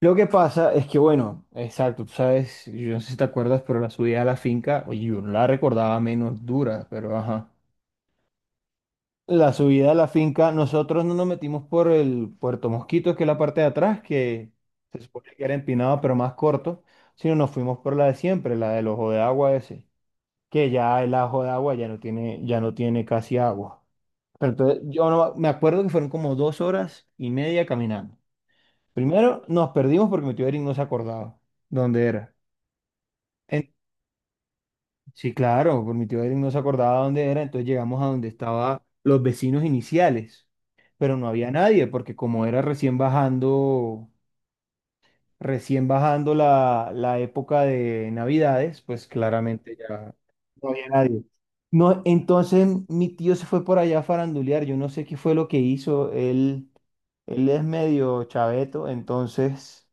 Lo que pasa es que, bueno, exacto, tú sabes, yo no sé si te acuerdas, pero la subida a la finca, oye, yo no la recordaba menos dura, pero ajá. La subida a la finca, nosotros no nos metimos por el Puerto Mosquitos, que es la parte de atrás, que se supone que era empinado, pero más corto, sino nos fuimos por la de siempre, la del ojo de agua ese, que ya el ojo de agua ya no tiene casi agua. Pero entonces, yo no, me acuerdo que fueron como 2 horas y media caminando. Primero nos perdimos porque mi tío Eric no se acordaba dónde era. En- Sí, claro, por mi tío Eric no se acordaba dónde era, entonces llegamos a donde estaban los vecinos iniciales, pero no había nadie, porque como era recién bajando, la época de Navidades, pues claramente ya no había nadie. No, entonces mi tío se fue por allá a farandulear, yo no sé qué fue lo que hizo, él es medio chaveto, entonces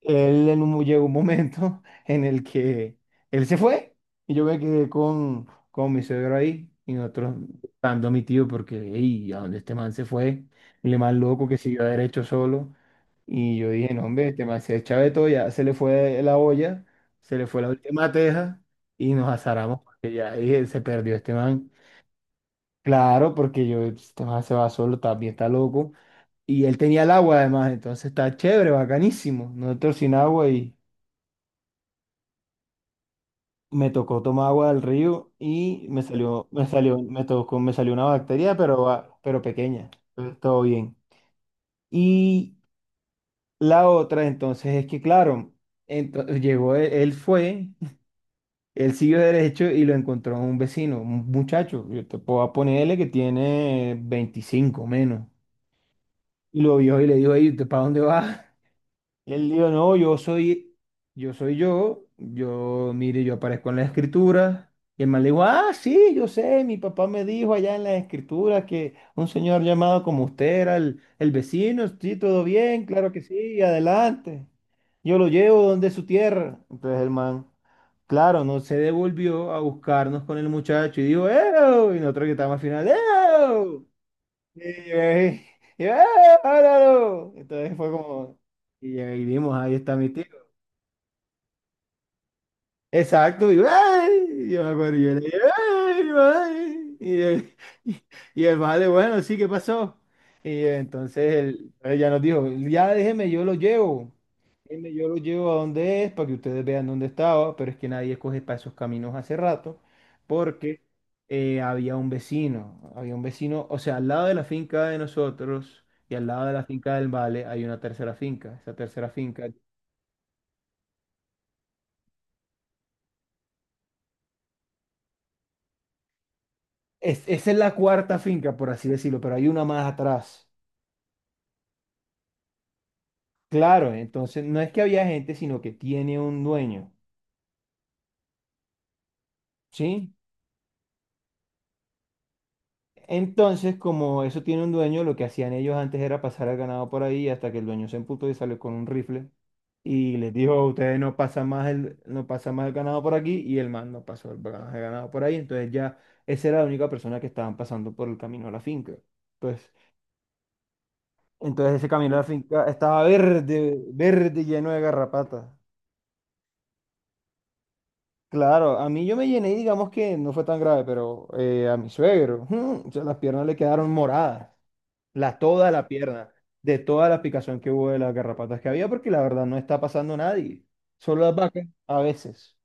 llegó un momento en el que él se fue y yo me quedé con, mi suegro ahí y nosotros dando a mi tío porque, hey, ¿a dónde este man se fue? El man loco que siguió derecho solo. Y yo dije, no, hombre, este man se echa de todo, ya se le fue la olla, se le fue la última teja y nos azaramos porque ya dije, se perdió este man. Claro, porque yo, este man se va solo, también está loco. Y él tenía el agua además, entonces está chévere, bacanísimo. Nosotros sin agua y me tocó tomar agua del río y me salió una bacteria, pero, pero pequeña. Entonces, todo bien. Y la otra, entonces, es que, claro, entonces, llegó, él fue, él siguió derecho y lo encontró un vecino, un muchacho. Yo te puedo ponerle que tiene 25 menos. Y lo vio y le dijo, hey, ¿usted para dónde va? Y él dijo, no, yo soy yo, mire, yo aparezco en la escritura. Y el man le dijo, ah, sí, yo sé, mi papá me dijo allá en la escritura que un señor llamado como usted era el vecino, sí, todo bien, claro que sí, adelante. Yo lo llevo donde su tierra. Entonces el man, claro, no se devolvió a buscarnos con el muchacho y dijo, ¡eh! Y nosotros que estábamos al final, ¡eh! Y yo ahí, y yo, ¡ah, áralo! Entonces fue como, y ahí vimos, ahí está mi tía. Exacto, y, "Ay", y yo me acuerdo, y yo le dije, "Ay, ay", y el, y y el vale, bueno, sí, ¿qué pasó? Y entonces él ya nos dijo, ya déjeme, yo lo llevo, déjeme, yo lo llevo a donde es, para que ustedes vean dónde estaba, pero es que nadie coge para esos caminos hace rato, porque había un vecino, o sea, al lado de la finca de nosotros y al lado de la finca del vale hay una tercera finca, esa tercera finca es, esa es la cuarta finca, por así decirlo, pero hay una más atrás. Claro, entonces no es que había gente, sino que tiene un dueño, ¿sí? Entonces, como eso tiene un dueño, lo que hacían ellos antes era pasar el ganado por ahí hasta que el dueño se emputó y salió con un rifle y les dijo, ustedes no pasan más el ganado por aquí y el man no pasó el ganado por ahí. Entonces ya esa era la única persona que estaban pasando por el camino a la finca. Entonces, entonces, ese camino a la finca estaba verde, verde, lleno de garrapatas. Claro, a mí yo me llené y digamos que no fue tan grave, pero a mi suegro, o sea, las piernas le quedaron moradas, toda la pierna, de toda la picación que hubo de las garrapatas que había, porque la verdad no está pasando a nadie, solo las vacas a veces.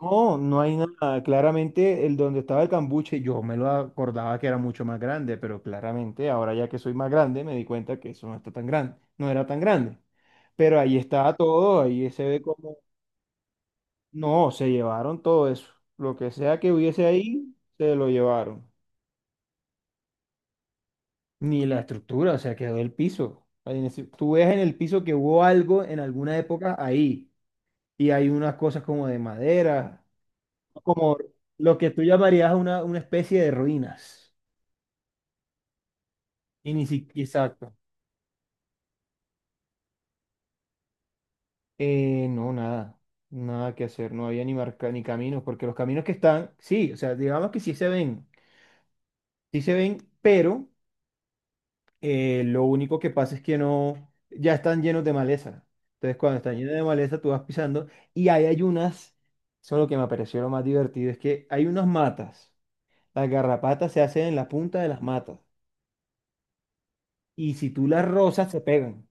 No, no hay nada, claramente el donde estaba el cambuche, yo me lo acordaba que era mucho más grande, pero claramente ahora ya que soy más grande me di cuenta que eso no está tan grande, no era tan grande. Pero ahí está todo, ahí se ve. No, se llevaron todo eso. Lo que sea que hubiese ahí, se lo llevaron. Ni la estructura, o sea, quedó el piso. Tú ves en el piso que hubo algo en alguna época ahí. Y hay unas cosas como de madera, como lo que tú llamarías una especie de ruinas. Y ni si- Exacto. No, nada. Nada que hacer. No había ni marca, ni caminos, porque los caminos que están, sí, o sea, digamos que sí se ven. Sí se ven, pero lo único que pasa es que no, ya están llenos de maleza. Entonces, cuando están llenos de maleza, tú vas pisando y ahí hay eso es lo que me pareció lo más divertido, es que hay unas matas. Las garrapatas se hacen en la punta de las matas y si tú las rozas, se pegan.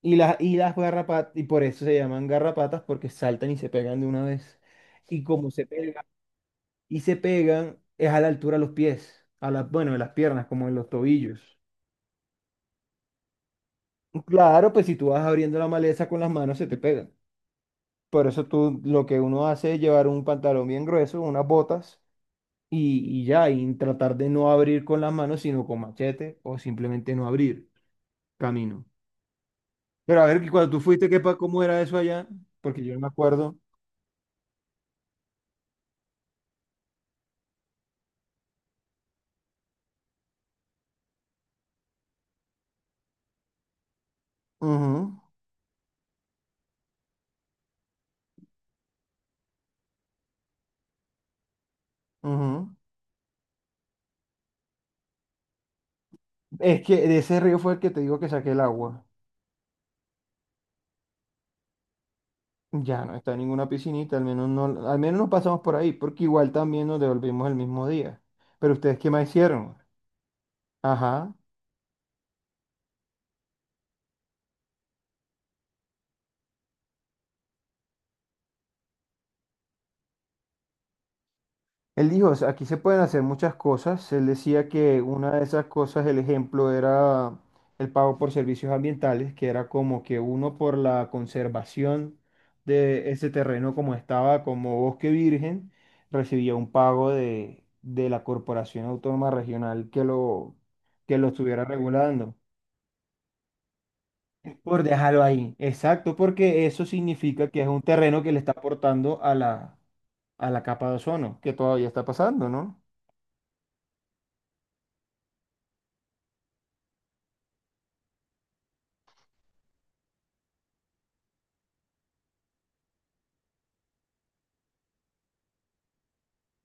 Y las garrapatas, y por eso se llaman garrapatas, porque saltan y se pegan de una vez. Y como se pegan, es a la altura de los pies, a las, bueno, de las piernas, como en los tobillos. Claro, pues si tú vas abriendo la maleza con las manos, se te pega. Por eso tú lo que uno hace es llevar un pantalón bien grueso, unas botas y, ya, y tratar de no abrir con las manos, sino con machete o simplemente no abrir camino. Pero a ver, que cuando tú fuiste, ¿qué, pa- cómo era eso allá? Porque yo no me acuerdo. Ujú, ujú. Es que de ese río fue el que te digo que saqué el agua. Ya no está ninguna piscinita, al menos no pasamos por ahí, porque igual también nos devolvimos el mismo día. Pero ustedes, ¿qué más hicieron? Ajá. Él dijo, "O sea, aquí se pueden hacer muchas cosas." Él decía que una de esas cosas, el ejemplo, era el pago por servicios ambientales, que era como que uno por la conservación de ese terreno como estaba, como bosque virgen, recibía un pago de la Corporación Autónoma Regional que lo estuviera regulando. Por dejarlo ahí. Exacto, porque eso significa que es un terreno que le está aportando a a la capa de ozono, que todavía está pasando, ¿no?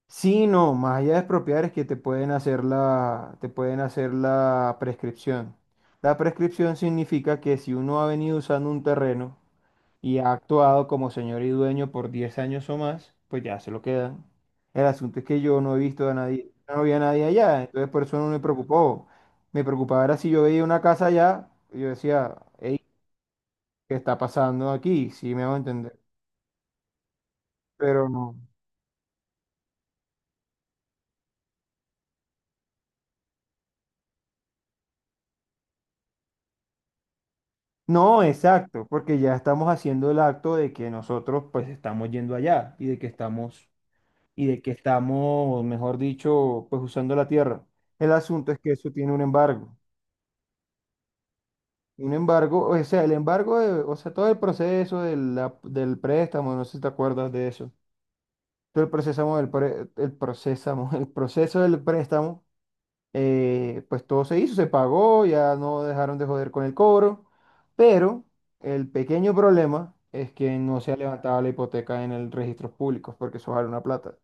Sí, no, más allá de expropiar es que te pueden hacer la prescripción. La prescripción significa que si uno ha venido usando un terreno y ha actuado como señor y dueño por 10 años o más, pues ya se lo quedan. El asunto es que yo no he visto a nadie, no había nadie allá, entonces por eso no me preocupó. Me preocupaba era si yo veía una casa allá, y yo decía, hey, ¿qué está pasando aquí? Sí, me hago entender, pero no. No, exacto, porque ya estamos haciendo el acto de que nosotros pues estamos yendo allá y y de que estamos, mejor dicho, pues usando la tierra. El asunto es que eso tiene un embargo. Un embargo, o sea, el embargo, de- o sea, todo el proceso del préstamo, no sé si te acuerdas de eso. Todo el proceso del pre- el procesamo- el proceso del préstamo, pues todo se hizo, se pagó, ya no dejaron de joder con el cobro, pero el pequeño problema es que no se ha levantado la hipoteca en el registro público, porque eso vale una plata.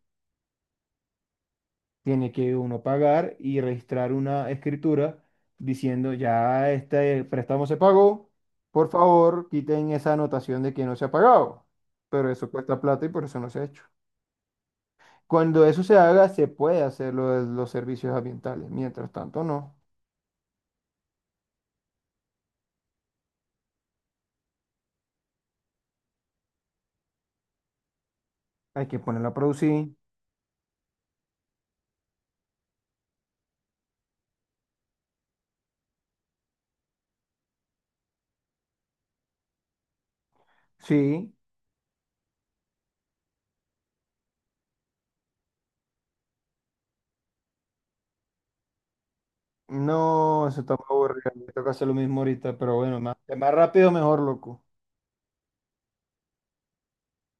Tiene que uno pagar y registrar una escritura diciendo ya este préstamo se pagó, por favor, quiten esa anotación de que no se ha pagado. Pero eso cuesta plata y por eso no se ha hecho. Cuando eso se haga, se puede hacer lo de los servicios ambientales. Mientras tanto, no. Hay que ponerlo a producir. Sí, no, eso está muy aburrido. Me toca hacer lo mismo ahorita, pero bueno, más rápido, mejor, loco.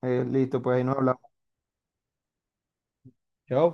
Listo, pues ahí nos hablamos. Chao.